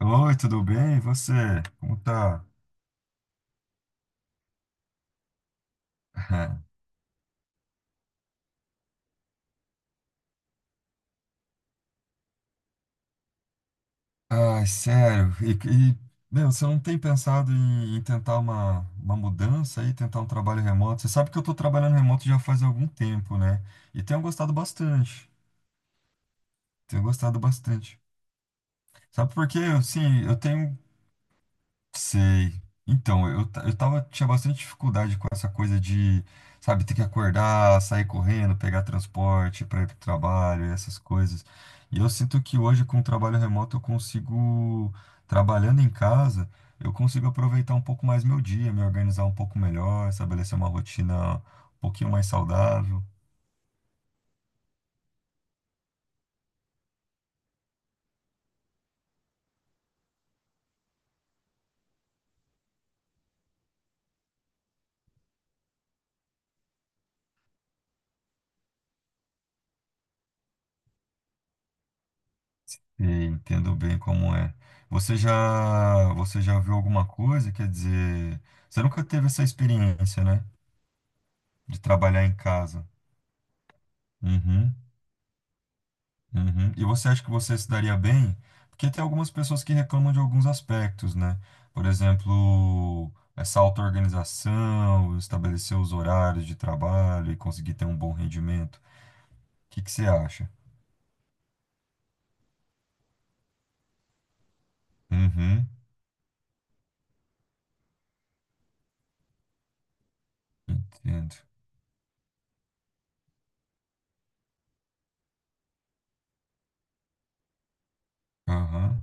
Oi, tudo bem? E você? Como tá? Ai, sério. E, meu, você não tem pensado em tentar uma mudança aí, tentar um trabalho remoto? Você sabe que eu tô trabalhando remoto já faz algum tempo, né? E tenho gostado bastante. Tenho gostado bastante. Sabe por quê? Assim, eu tenho. Sei. Então, eu tinha bastante dificuldade com essa coisa de, sabe, ter que acordar, sair correndo, pegar transporte para ir pro trabalho, essas coisas. E eu sinto que hoje, com o trabalho remoto, eu consigo, trabalhando em casa, eu consigo aproveitar um pouco mais meu dia, me organizar um pouco melhor, estabelecer uma rotina um pouquinho mais saudável. E entendo bem como é. Você já viu alguma coisa? Quer dizer, você nunca teve essa experiência, né? De trabalhar em casa. Uhum, uhum. E você acha que você se daria bem? Porque tem algumas pessoas que reclamam de alguns aspectos, né? Por exemplo, essa auto-organização, estabelecer os horários de trabalho e conseguir ter um bom rendimento. O que que você acha? Uhum, entendo. Aham.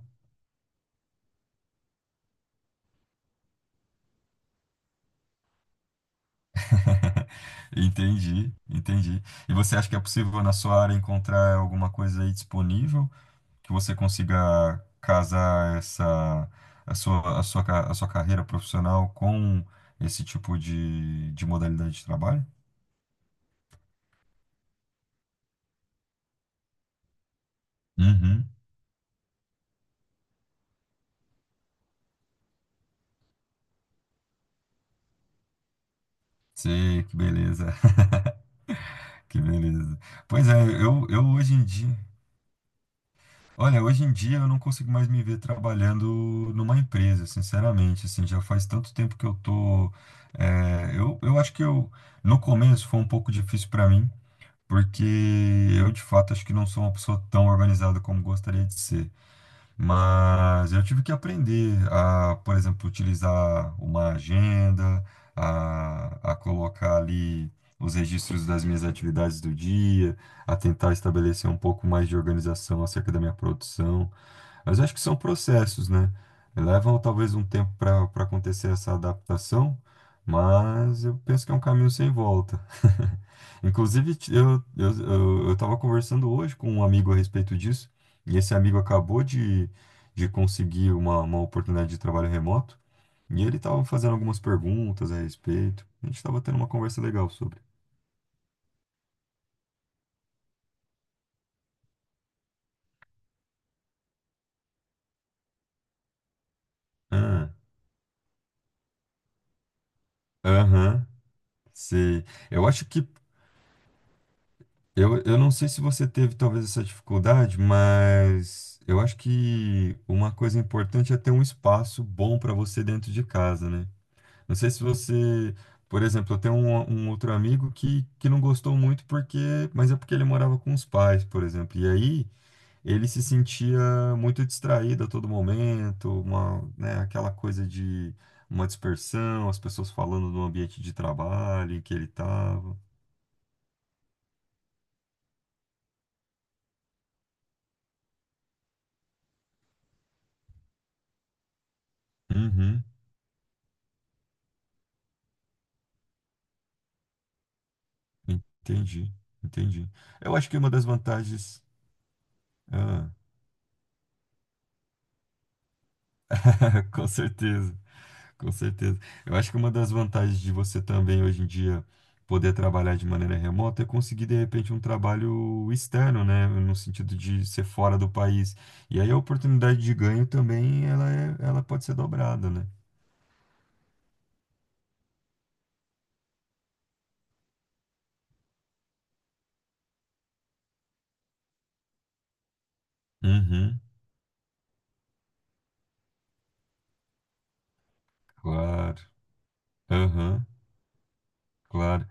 Entendi, entendi. E você acha que é possível na sua área encontrar alguma coisa aí disponível que você consiga casar essa a sua carreira profissional com esse tipo de modalidade de trabalho? Uhum. Sei, que beleza, que beleza. Pois é, eu hoje em dia, olha, hoje em dia eu não consigo mais me ver trabalhando numa empresa, sinceramente, assim, já faz tanto tempo que eu tô, eu acho que eu. No começo foi um pouco difícil para mim, porque eu de fato acho que não sou uma pessoa tão organizada como gostaria de ser. Mas eu tive que aprender a, por exemplo, utilizar uma agenda, a colocar ali os registros das minhas atividades do dia, a tentar estabelecer um pouco mais de organização acerca da minha produção. Mas eu acho que são processos, né? Levam talvez um tempo para acontecer essa adaptação, mas eu penso que é um caminho sem volta. Inclusive, eu estava conversando hoje com um amigo a respeito disso, e esse amigo acabou de conseguir uma oportunidade de trabalho remoto, e ele estava fazendo algumas perguntas a respeito. A gente estava tendo uma conversa legal sobre. Ah, aham, sei. Eu acho que eu não sei se você teve talvez essa dificuldade, mas eu acho que uma coisa importante é ter um espaço bom para você dentro de casa, né? Não sei se você, por exemplo, eu tenho um outro amigo que não gostou muito porque, mas é porque ele morava com os pais, por exemplo. E aí ele se sentia muito distraído a todo momento, uma, né, aquela coisa de uma dispersão, as pessoas falando do ambiente de trabalho em que ele estava. Entendi, entendi. Eu acho que uma das vantagens. Ah, com certeza, com certeza. Eu acho que uma das vantagens de você também hoje em dia poder trabalhar de maneira remota é conseguir de repente um trabalho externo, né? No sentido de ser fora do país. E aí a oportunidade de ganho também ela pode ser dobrada, né? Uhum, claro. Aham, claro.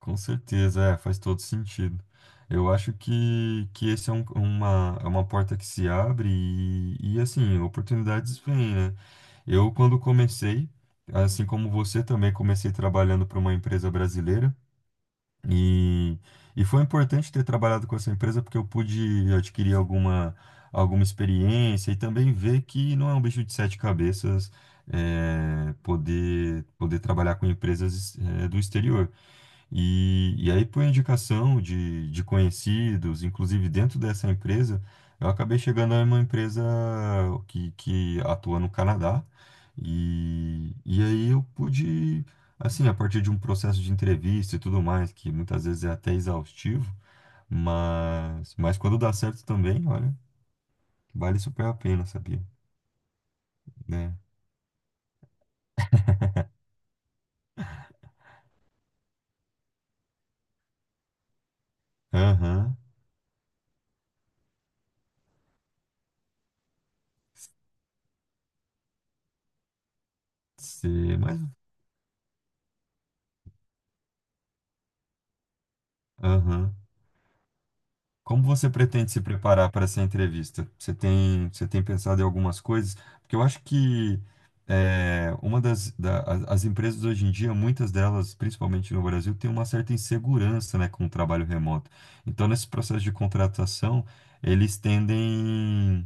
Com certeza, é, faz todo sentido. Eu acho que esse é é uma porta que se abre e, assim, oportunidades vêm, né? Eu, quando comecei, assim como você também, comecei trabalhando para uma empresa brasileira e, e foi importante ter trabalhado com essa empresa porque eu pude adquirir alguma experiência e também ver que não é um bicho de sete cabeças, é, poder trabalhar com empresas, é, do exterior. E aí, por indicação de conhecidos, inclusive dentro dessa empresa, eu acabei chegando a uma empresa que atua no Canadá. E aí eu pude, assim, a partir de um processo de entrevista e tudo mais, que muitas vezes é até exaustivo, mas quando dá certo também, olha, vale super a pena, sabia? Né? Aham, sei, mas. Aham. Como você pretende se preparar para essa entrevista? Você tem pensado em algumas coisas? Porque eu acho que é, uma das as as empresas hoje em dia, muitas delas, principalmente no Brasil, têm uma certa insegurança, né, com o trabalho remoto. Então, nesse processo de contratação, eles tendem,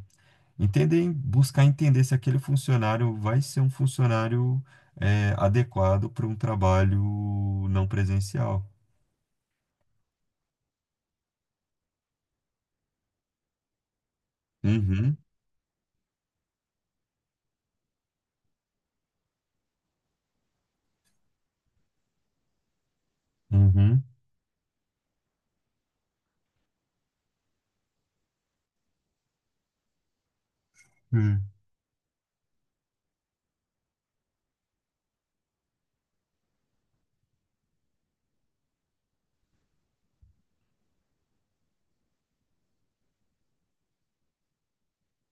entendem, buscar entender se aquele funcionário vai ser um funcionário é, adequado para um trabalho não presencial. Uhum, uhum. Hum.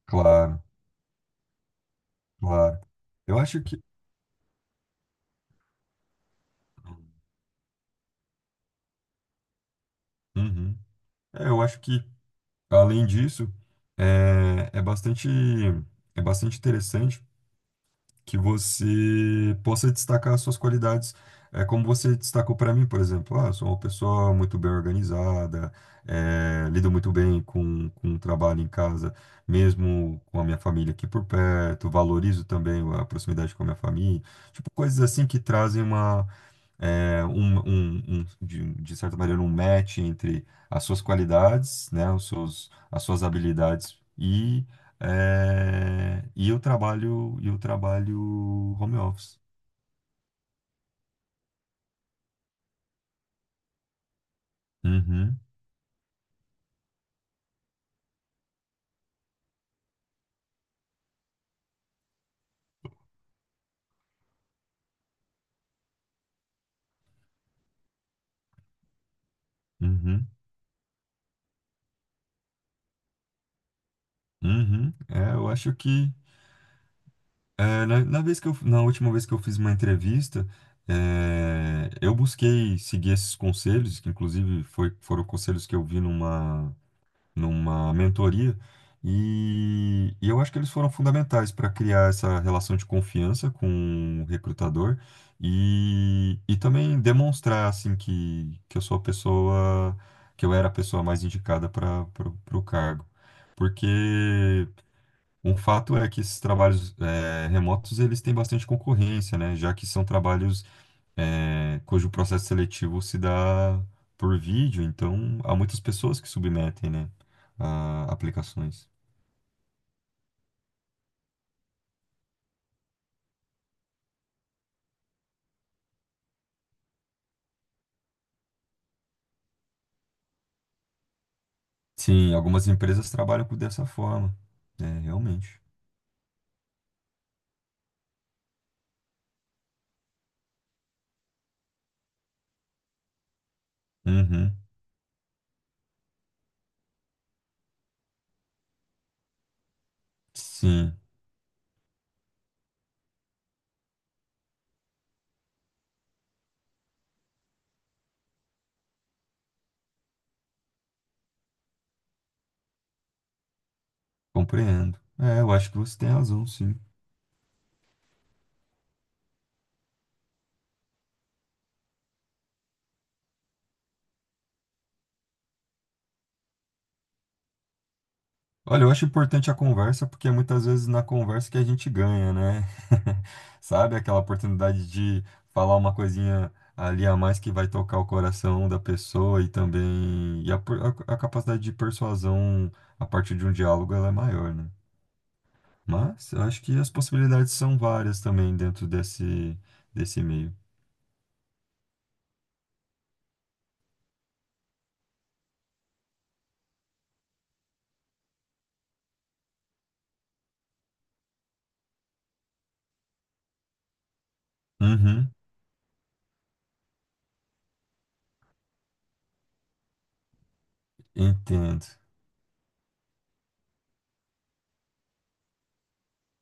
Claro. Claro. Eu acho que. Uhum. É, eu acho que, além disso, é, é bastante interessante que você possa destacar as suas qualidades. É como você destacou para mim, por exemplo. Ah, eu sou uma pessoa muito bem organizada, é, lido muito bem com o trabalho em casa, mesmo com a minha família aqui por perto, valorizo também a proximidade com a minha família. Tipo, coisas assim que trazem uma é, de certa maneira, um match entre as suas qualidades, né, as suas habilidades e, é, e o trabalho home office. Uhum, uhum, uhum. É, eu acho que é, na última vez que eu fiz uma entrevista, é, eu busquei seguir esses conselhos, que inclusive foram conselhos que eu vi numa mentoria, e eu acho que eles foram fundamentais para criar essa relação de confiança com o recrutador e também demonstrar assim que eu sou a pessoa, que eu era a pessoa mais indicada para o cargo. Porque um fato é que esses trabalhos eh, remotos eles têm bastante concorrência, né? Já que são trabalhos é, cujo processo seletivo se dá por vídeo, então há muitas pessoas que submetem, né, a aplicações. Sim, algumas empresas trabalham com- dessa forma, né, realmente. Uhum, sim, compreendo. É, eu acho que você tem razão, sim. Olha, eu acho importante a conversa porque é muitas vezes na conversa que a gente ganha, né? Sabe, aquela oportunidade de falar uma coisinha ali a mais que vai tocar o coração da pessoa e também a capacidade de persuasão a partir de um diálogo ela é maior, né? Mas eu acho que as possibilidades são várias também dentro desse meio. Uhum, entendo.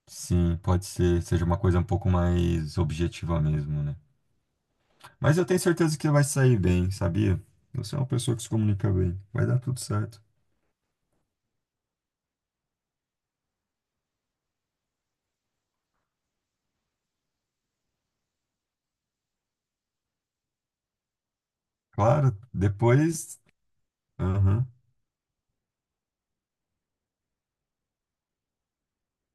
Sim, pode ser, seja uma coisa um pouco mais objetiva mesmo, né? Mas eu tenho certeza que vai sair bem, sabia? Você é uma pessoa que se comunica bem. Vai dar tudo certo. Claro, depois. Aham.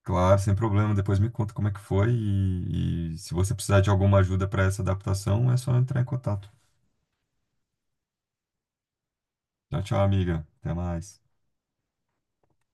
Claro, sem problema. Depois me conta como é que foi. E se você precisar de alguma ajuda para essa adaptação, é só entrar em contato. Tchau, tchau, amiga. Até mais.